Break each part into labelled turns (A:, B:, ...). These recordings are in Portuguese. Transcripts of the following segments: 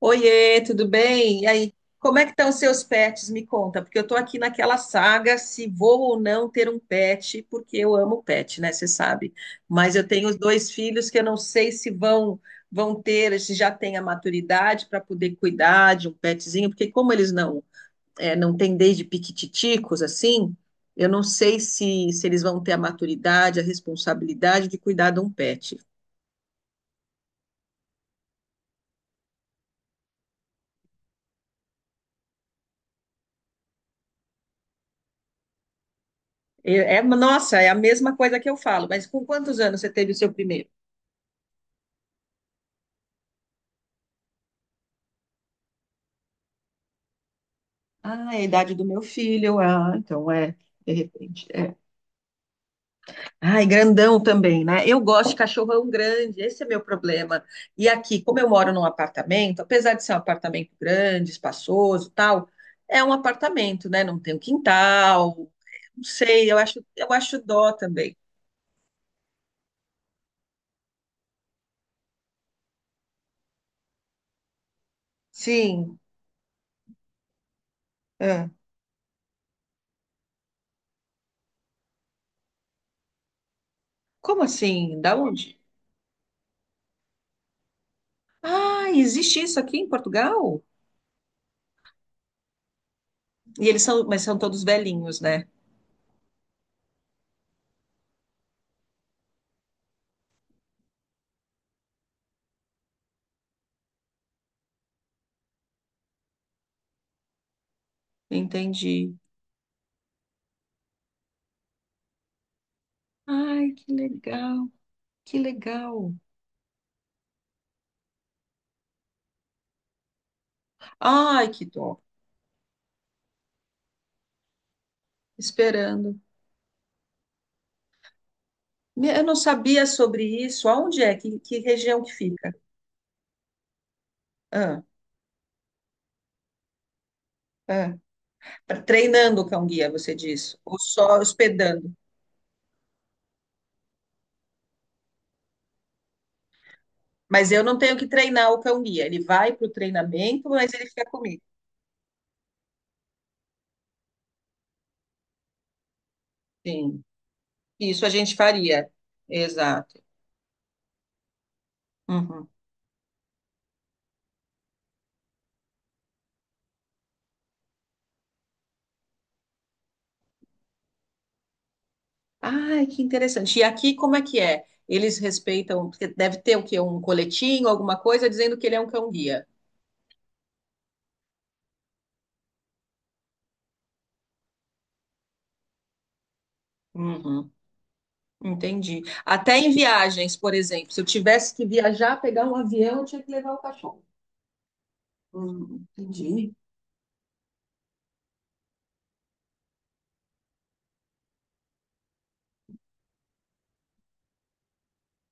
A: Oiê, tudo bem? E aí, como é que estão os seus pets? Me conta, porque eu estou aqui naquela saga se vou ou não ter um pet, porque eu amo pet, né? Você sabe. Mas eu tenho os dois filhos que eu não sei se vão ter, se já têm a maturidade para poder cuidar de um petzinho, porque como eles não têm desde piquititicos assim, eu não sei se eles vão ter a maturidade, a responsabilidade de cuidar de um pet. Nossa, é a mesma coisa que eu falo, mas com quantos anos você teve o seu primeiro? Ah, é a idade do meu filho. Ah, então é, de repente. É. Ai, grandão também, né? Eu gosto de cachorrão grande, esse é meu problema. E aqui, como eu moro num apartamento, apesar de ser um apartamento grande, espaçoso, e tal, é um apartamento, né? Não tem um quintal. Não sei, eu acho dó também. Sim. É. Como assim? Da onde? Ah, existe isso aqui em Portugal? E eles são, mas são todos velhinhos, né? Entendi. Ai, que legal. Que legal. Ai, que dó. Esperando. Eu não sabia sobre isso. Aonde é? Que região que fica? Ah, ah. Treinando o cão-guia, você diz. Ou só hospedando. Mas eu não tenho que treinar o cão-guia. Ele vai para o treinamento, mas ele fica comigo. Sim. Isso a gente faria. Exato. Uhum. Ai, que interessante. E aqui como é que é? Eles respeitam, porque deve ter o quê? Um coletinho, alguma coisa, dizendo que ele é um cão-guia. Entendi. Até em viagens, por exemplo, se eu tivesse que viajar, pegar um avião, eu tinha que levar o cachorro. Entendi,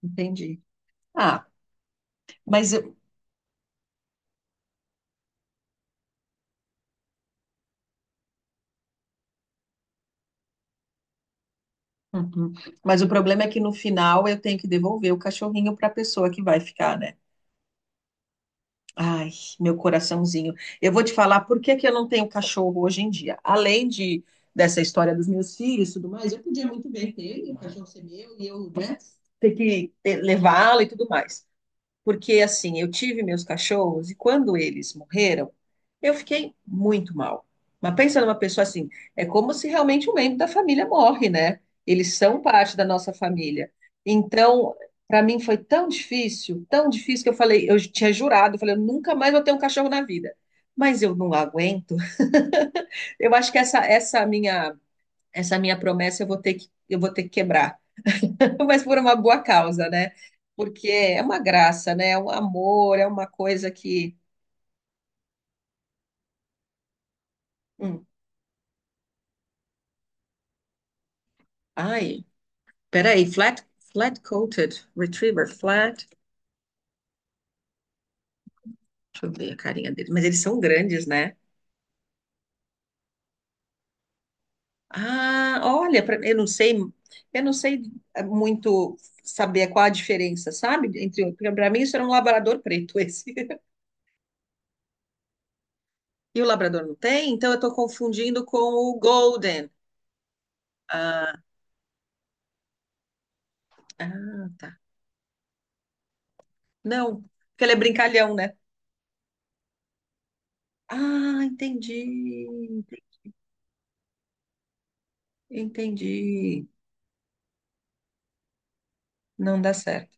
A: entendi. Ah, mas, eu- Uhum. Mas o problema é que no final eu tenho que devolver o cachorrinho para a pessoa que vai ficar, né? Ai, meu coraçãozinho. Eu vou te falar por que que eu não tenho cachorro hoje em dia. Além de dessa história dos meus filhos e tudo mais, eu podia muito bem ter ele, o cachorro ser meu e eu, né, levá-lo e tudo mais. Porque assim, eu tive meus cachorros e quando eles morreram, eu fiquei muito mal. Mas pensa numa pessoa assim, é como se realmente um membro da família morre, né? Eles são parte da nossa família. Então, para mim foi tão difícil que eu falei, eu tinha jurado, eu falei, eu nunca mais vou ter um cachorro na vida. Mas eu não aguento. Eu acho que essa minha promessa eu vou ter que quebrar. Mas por uma boa causa, né? Porque é uma graça, né? É um amor, é uma coisa que. Hum. Ai, peraí, flat, flat coated retriever, flat. Deixa eu ver a carinha deles, mas eles são grandes, né? Ah, olha, eu não sei é, muito saber qual a diferença, sabe? Entre, para mim isso era um labrador preto esse. E o labrador não tem, então eu tô confundindo com o golden. Ah, ah, tá. Não, porque ele é brincalhão, né? Ah, entendi. Entendi. Não dá certo.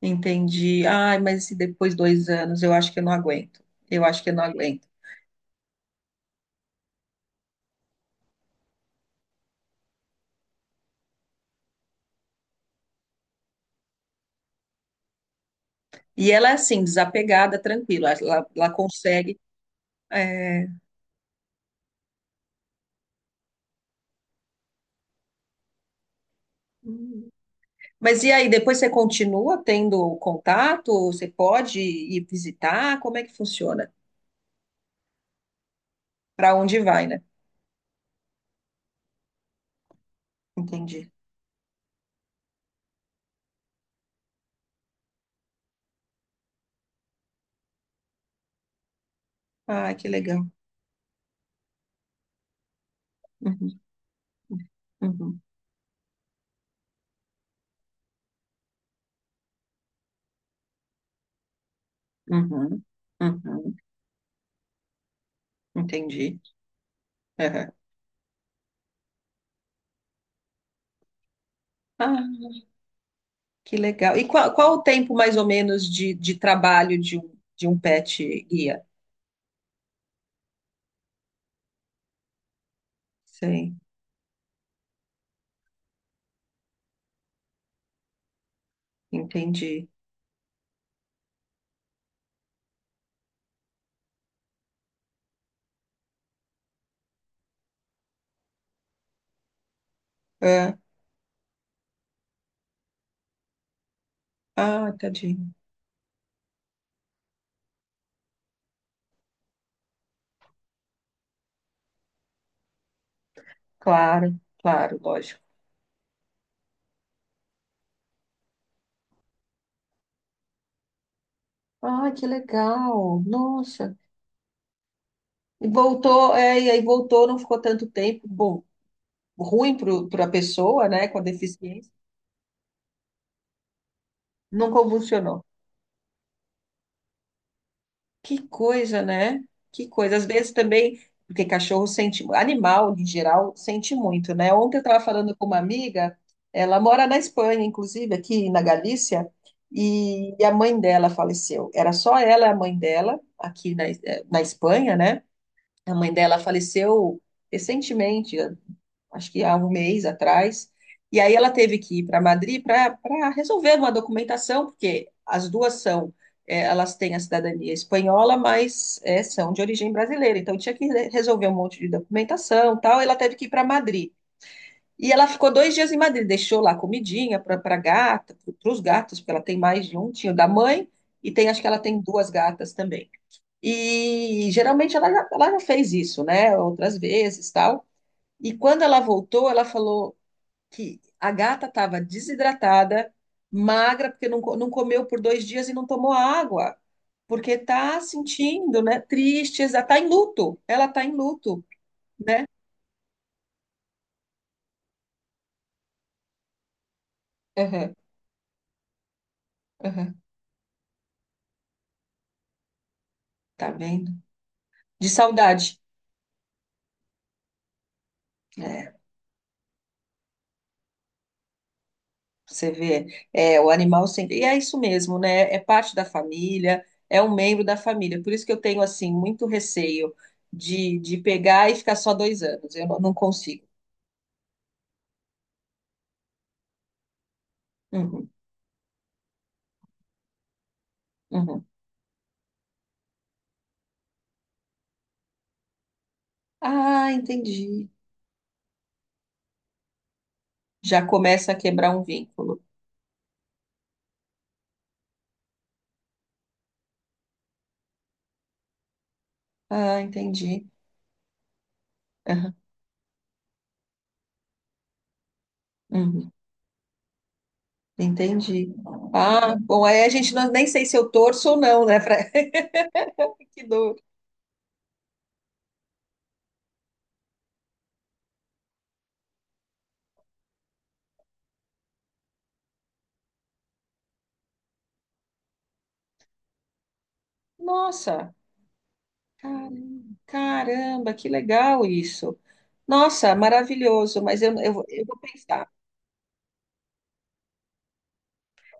A: Entendi. Ai, mas se depois dois anos, eu acho que eu não aguento. Eu acho que eu não aguento. E ela é assim, desapegada, tranquila. Ela consegue. É. Hum. Mas e aí, depois você continua tendo contato? Você pode ir visitar? Como é que funciona? Para onde vai, né? Entendi. Ah, que legal. Uhum, uhum, uhum, uhum. Entendi. Uhum. Ah, que legal. E qual o tempo mais ou menos de trabalho de um pet guia? Sei, entendi. É. Ah, tadinho. Claro, claro, lógico. Ah, que legal. Nossa. E voltou, é, e aí voltou, não ficou tanto tempo. Bom, ruim para a pessoa, né, com a deficiência. Não convulsionou. Que coisa, né? Que coisa. Às vezes também, porque cachorro sente, animal em geral sente muito, né? Ontem eu estava falando com uma amiga, ela mora na Espanha, inclusive aqui na Galícia, e a mãe dela faleceu. Era só ela e a mãe dela aqui na Espanha, né? A mãe dela faleceu recentemente, acho que há um mês atrás. E aí ela teve que ir para Madrid para resolver uma documentação, porque as duas são, é, elas têm a cidadania espanhola, mas é, são de origem brasileira. Então resolver um monte de documentação, e tal. E ela teve que ir para Madrid. E ela ficou dois dias em Madrid, deixou lá comidinha para gata, para os gatos, porque ela tem mais de um, tinha o da mãe e tem, acho que ela tem duas gatas também. E geralmente ela já fez isso, né? Outras vezes, tal. E quando ela voltou, ela falou que a gata estava desidratada, magra, porque não comeu por dois dias e não tomou água, porque tá sentindo, né? Triste, tá em luto. Ela tá em luto, né? Aham, aham, tá vendo? De saudade. É. Você vê, é, o animal sempre. E é isso mesmo, né? É parte da família, é um membro da família. Por isso que eu tenho, assim, muito receio de pegar e ficar só dois anos. Eu não, não consigo. Uhum, uhum. Ah, entendi. Já começa a quebrar um vínculo. Ah, entendi. Aham, uhum, entendi. Ah, bom, aí a gente não, nem sei se eu torço ou não, né? Pra... Que dor. Nossa, caramba, que legal isso. Nossa, maravilhoso, mas eu vou pensar.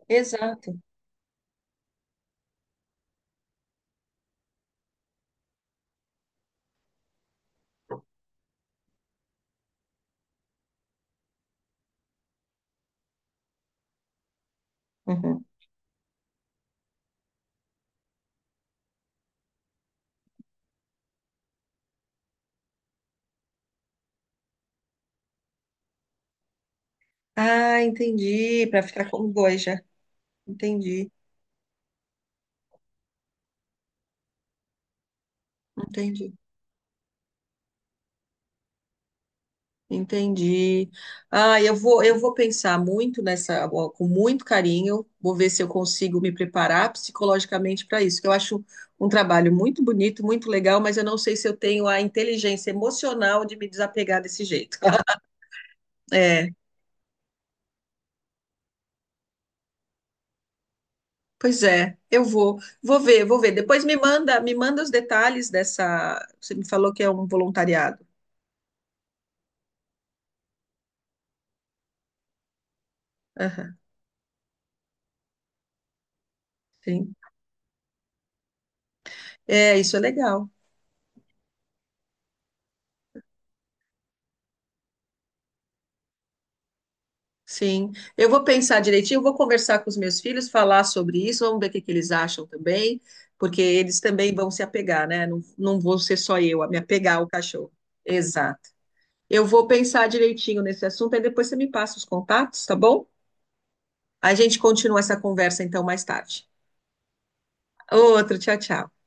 A: Exato. Uhum. Ah, entendi, para ficar como boija. Entendi, entendi, entendi. Ah, eu vou pensar muito nessa, com muito carinho, vou ver se eu consigo me preparar psicologicamente para isso, que eu acho um trabalho muito bonito, muito legal, mas eu não sei se eu tenho a inteligência emocional de me desapegar desse jeito. É. Pois é, vou ver, vou ver. Depois me manda os detalhes dessa. Você me falou que é um voluntariado. Aham, sim. É, isso é legal. Sim. Eu vou pensar direitinho, vou conversar com os meus filhos, falar sobre isso, vamos ver o que que eles acham também, porque eles também vão se apegar, né? Não, não vou ser só eu a me apegar ao cachorro. Exato. Eu vou pensar direitinho nesse assunto, e depois você me passa os contatos, tá bom? A gente continua essa conversa então mais tarde. Outro, tchau, tchau.